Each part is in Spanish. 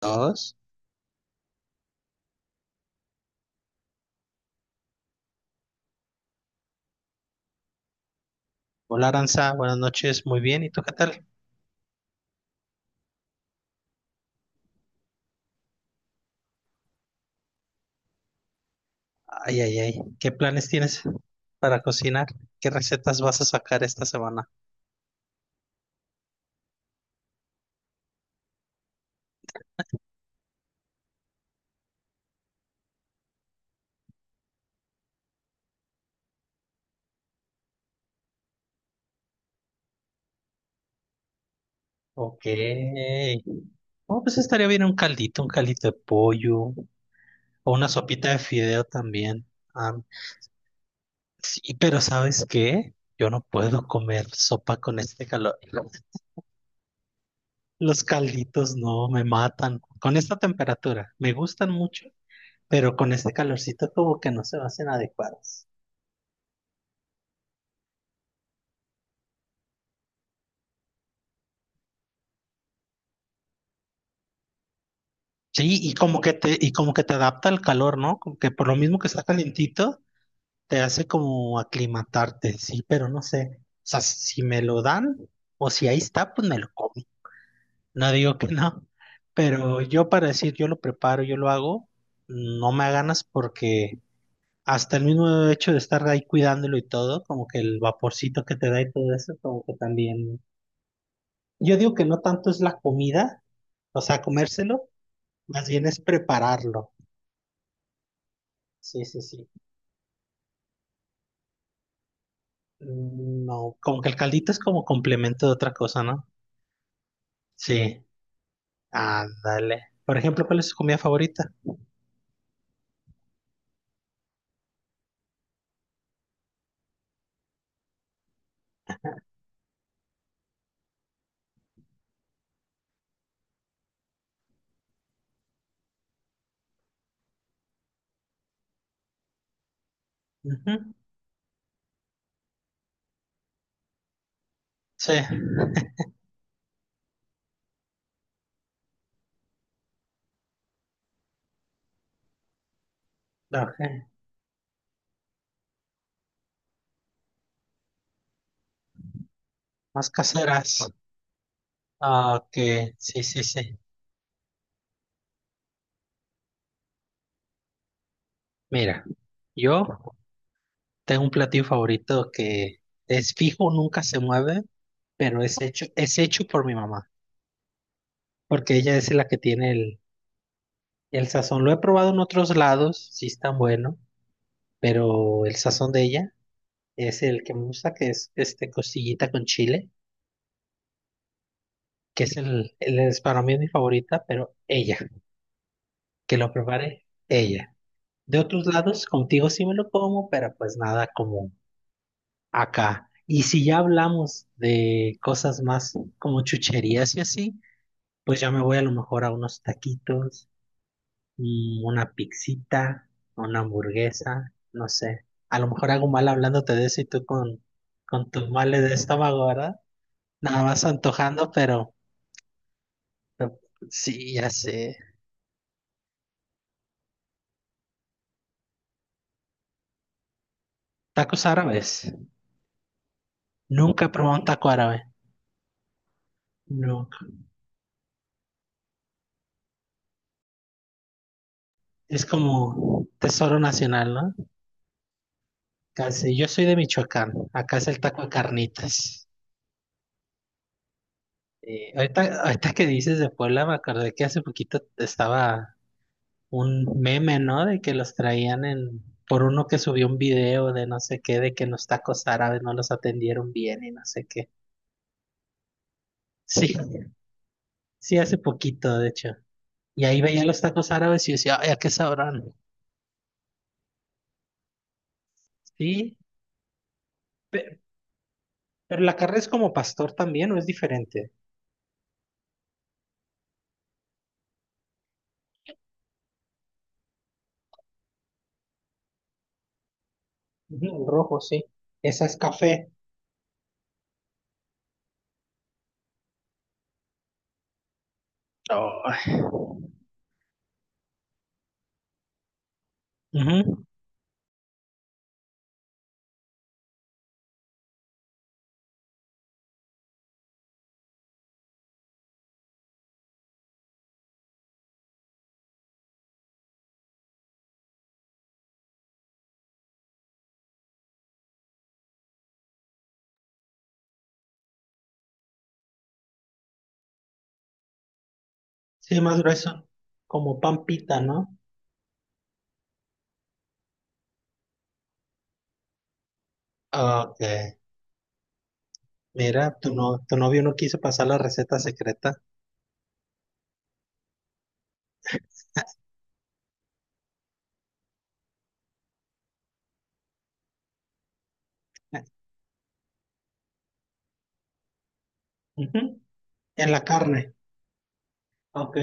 Dos. Hola Aranza, buenas noches, muy bien. ¿Y tú qué tal? Ay, ay, ay. ¿Qué planes tienes para cocinar? ¿Qué recetas vas a sacar esta semana? Ok. Oh, pues estaría bien un caldito de pollo o una sopita de fideo también. Ah, sí, pero ¿sabes qué? Yo no puedo comer sopa con este calor. Los calditos no me matan. Con esta temperatura, me gustan mucho, pero con este calorcito como que no se me hacen adecuados. Sí, y como que te, y como que te adapta al calor, ¿no? Como que por lo mismo que está calentito, te hace como aclimatarte, sí, pero no sé. O sea, si me lo dan, o si ahí está, pues me lo como. No digo que no. Pero yo para decir yo lo preparo, yo lo hago, no me da ganas porque hasta el mismo hecho de estar ahí cuidándolo y todo, como que el vaporcito que te da y todo eso, como que también. Yo digo que no tanto es la comida, o sea, comérselo, más bien es prepararlo. Sí, sí, sí. No, como que el caldito es como complemento de otra cosa, ¿no? Sí, ándale. Por ejemplo, ¿cuál es su comida favorita? Ujú, sí, ok, más caseras. Ah, ok, sí, sí, sí. Mira, yo tengo un platillo favorito que es fijo, nunca se mueve, pero es hecho por mi mamá, porque ella es la que tiene el sazón. Lo he probado en otros lados, sí es tan bueno, pero el sazón de ella. Es el que me gusta, que es este costillita con chile, que es el es para mí es mi favorita, pero ella, que lo prepare ella. De otros lados, contigo sí me lo como, pero pues nada como acá. Y si ya hablamos de cosas más como chucherías y así, pues ya me voy a lo mejor a unos taquitos, una pixita, una hamburguesa, no sé. A lo mejor hago mal hablándote de eso y tú con tus males de estómago, ¿verdad? Nada más antojando, pero sí, ya sé. Tacos árabes. Nunca he probado un taco árabe. Nunca. Es como tesoro nacional, ¿no? Casi. Yo soy de Michoacán. Acá es el taco de carnitas. Ahorita que dices de Puebla, me acordé que hace poquito estaba un meme, ¿no? De que los traían en... por uno que subió un video de no sé qué, de que los tacos árabes no los atendieron bien y no sé qué. Sí, sí, hace poquito, de hecho. Y ahí veía los tacos árabes y yo decía, ay, ¿a qué sabrán? Sí, Pe- Pero la carne es como pastor también, ¿o es diferente? Ujú, el rojo, sí. Esa es café. Oh. Ujú. Sí, más grueso. Como pampita, ¿no? Ok. Mira, tu, no, tu novio no quiso pasar la receta secreta. Ujú. En la carne. Ok.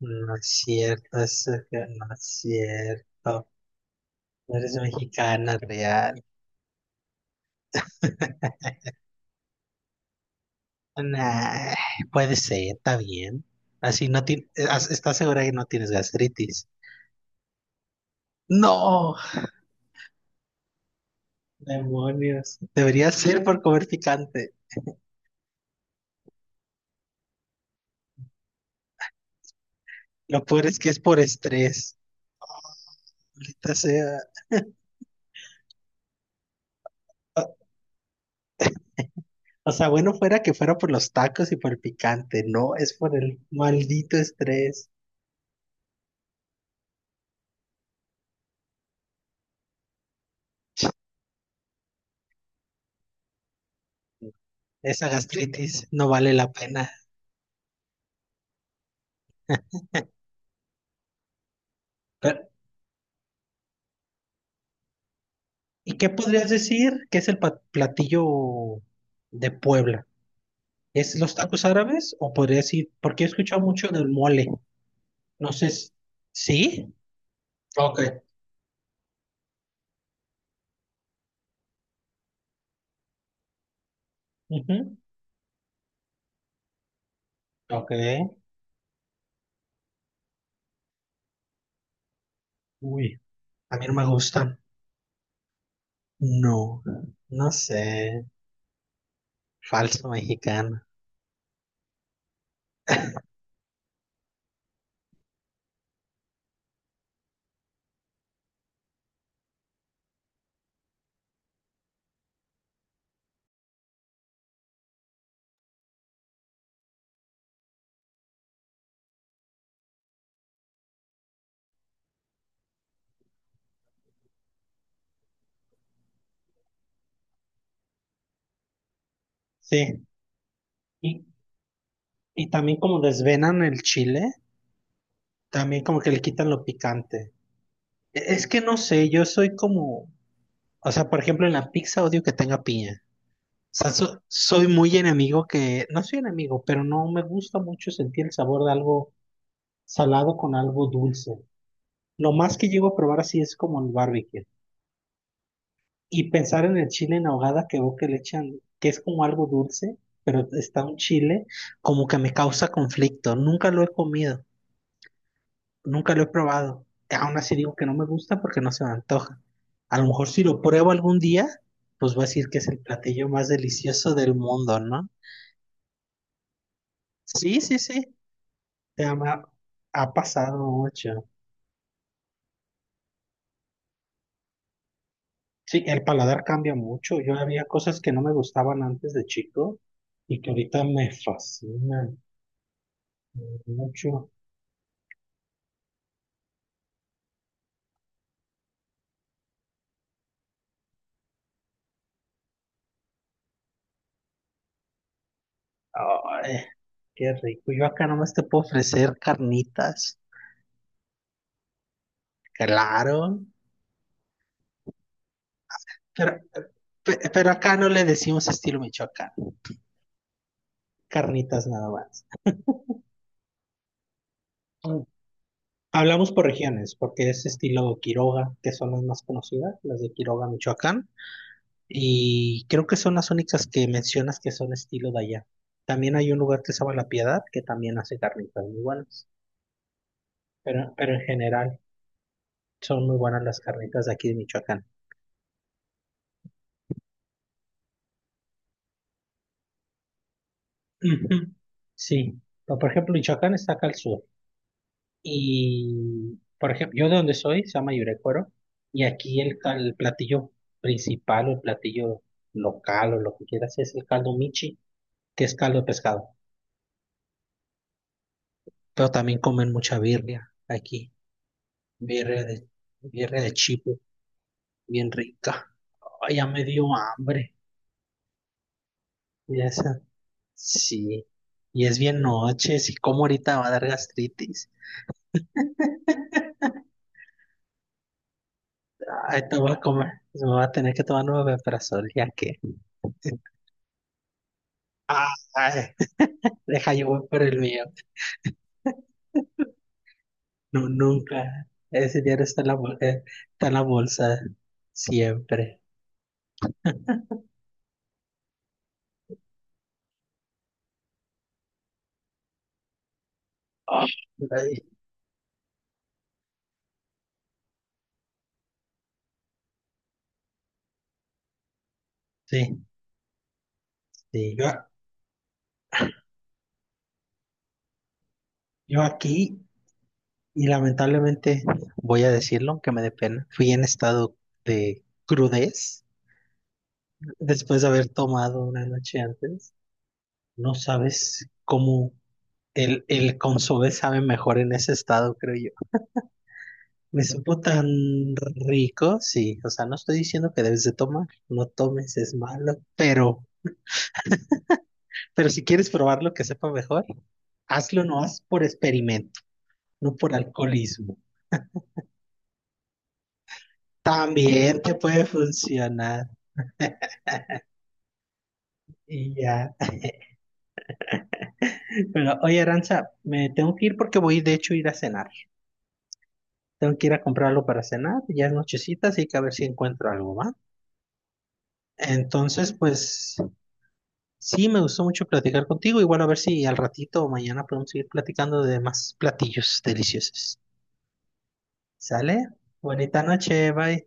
No es cierto, eso que no es cierto. No eres mexicana real. Nah, puede ser, está bien. Así no ti- as- ¿Estás segura que no tienes gastritis? No, demonios. Debería ser por comer picante. Lo peor es que es por estrés. Ahorita sea. O o sea, bueno fuera que fuera por los tacos y por el picante. No, es por el maldito estrés. Esa gastritis no vale la pena. Pero, ¿y qué podrías decir que es el platillo de Puebla? ¿Es los tacos árabes? O podría decir, porque he escuchado mucho del mole. No sé. ¿Sí? Ok. Ujú. Ok. Uy, a mí no me gusta. No, no sé, falso mexicano. Sí, y, y también como desvenan el chile, también como que le quitan lo picante. Es que no sé, yo soy como, o sea, por ejemplo, en la pizza odio que tenga piña. O sea, soy muy enemigo que, no soy enemigo, pero no me gusta mucho sentir el sabor de algo salado con algo dulce. Lo más que llego a probar así es como el barbecue. Y pensar en el chile en ahogada que veo que le echan, que es como algo dulce, pero está un chile, como que me causa conflicto. Nunca lo he comido, nunca lo he probado. Aún así digo que no me gusta porque no se me antoja. A lo mejor si lo pruebo algún día, pues voy a decir que es el platillo más delicioso del mundo, ¿no? Sí, sí, sí. Te ama- Ha pasado mucho. Sí, el paladar cambia mucho. Yo había cosas que no me gustaban antes de chico y que ahorita me fascinan mucho. Ay, qué rico. Yo acá nomás te puedo ofrecer carnitas. Claro. Pero, pero acá no le decimos estilo Michoacán. Carnitas nada más. Mm. Hablamos por regiones, porque es estilo Quiroga, que son las más conocidas, las de Quiroga, Michoacán. Y creo que son las únicas que mencionas que son estilo de allá. También hay un lugar que se llama La Piedad, que también hace carnitas muy buenas. Pero en general son muy buenas las carnitas de aquí de Michoacán. Ujú, sí, pero, por ejemplo, Michoacán está acá al sur. Y, por ejemplo, yo de donde soy, se llama Yurecuero, y aquí el platillo principal o el platillo local o lo que quieras es el caldo michi, que es caldo de pescado. Pero también comen mucha birria aquí, birria de, birria de chivo, bien rica. Ay, ya me dio hambre. Y esa, sí, y es bien noche, si como ahorita va a dar gastritis. Ay, te voy a comer. Me voy a tener que tomar nueve omeprazol, ya que. Ay, deja yo voy por el mío. No, nunca. Ese dinero está en está en la bolsa. Siempre. Ay, sí, sí. Yo aquí, y lamentablemente voy a decirlo, aunque me dé pena, fui en estado de crudez después de haber tomado una noche antes. No sabes cómo el consomé sabe mejor en ese estado, creo. Me supo tan rico, sí. O sea, no estoy diciendo que debes de tomar, no tomes, es malo, pero si quieres probar lo que sepa mejor, hazlo no haz por experimento, no por alcoholismo. También te puede funcionar y ya. Pero oye, Aranza, me tengo que ir porque voy de hecho a ir a cenar. Tengo que ir a comprar algo para cenar, ya es nochecita, así que a ver si encuentro algo, ¿va? Entonces, pues sí, me gustó mucho platicar contigo y bueno, a ver si al ratito o mañana podemos seguir platicando de más platillos deliciosos. ¿Sale? Bonita noche, bye.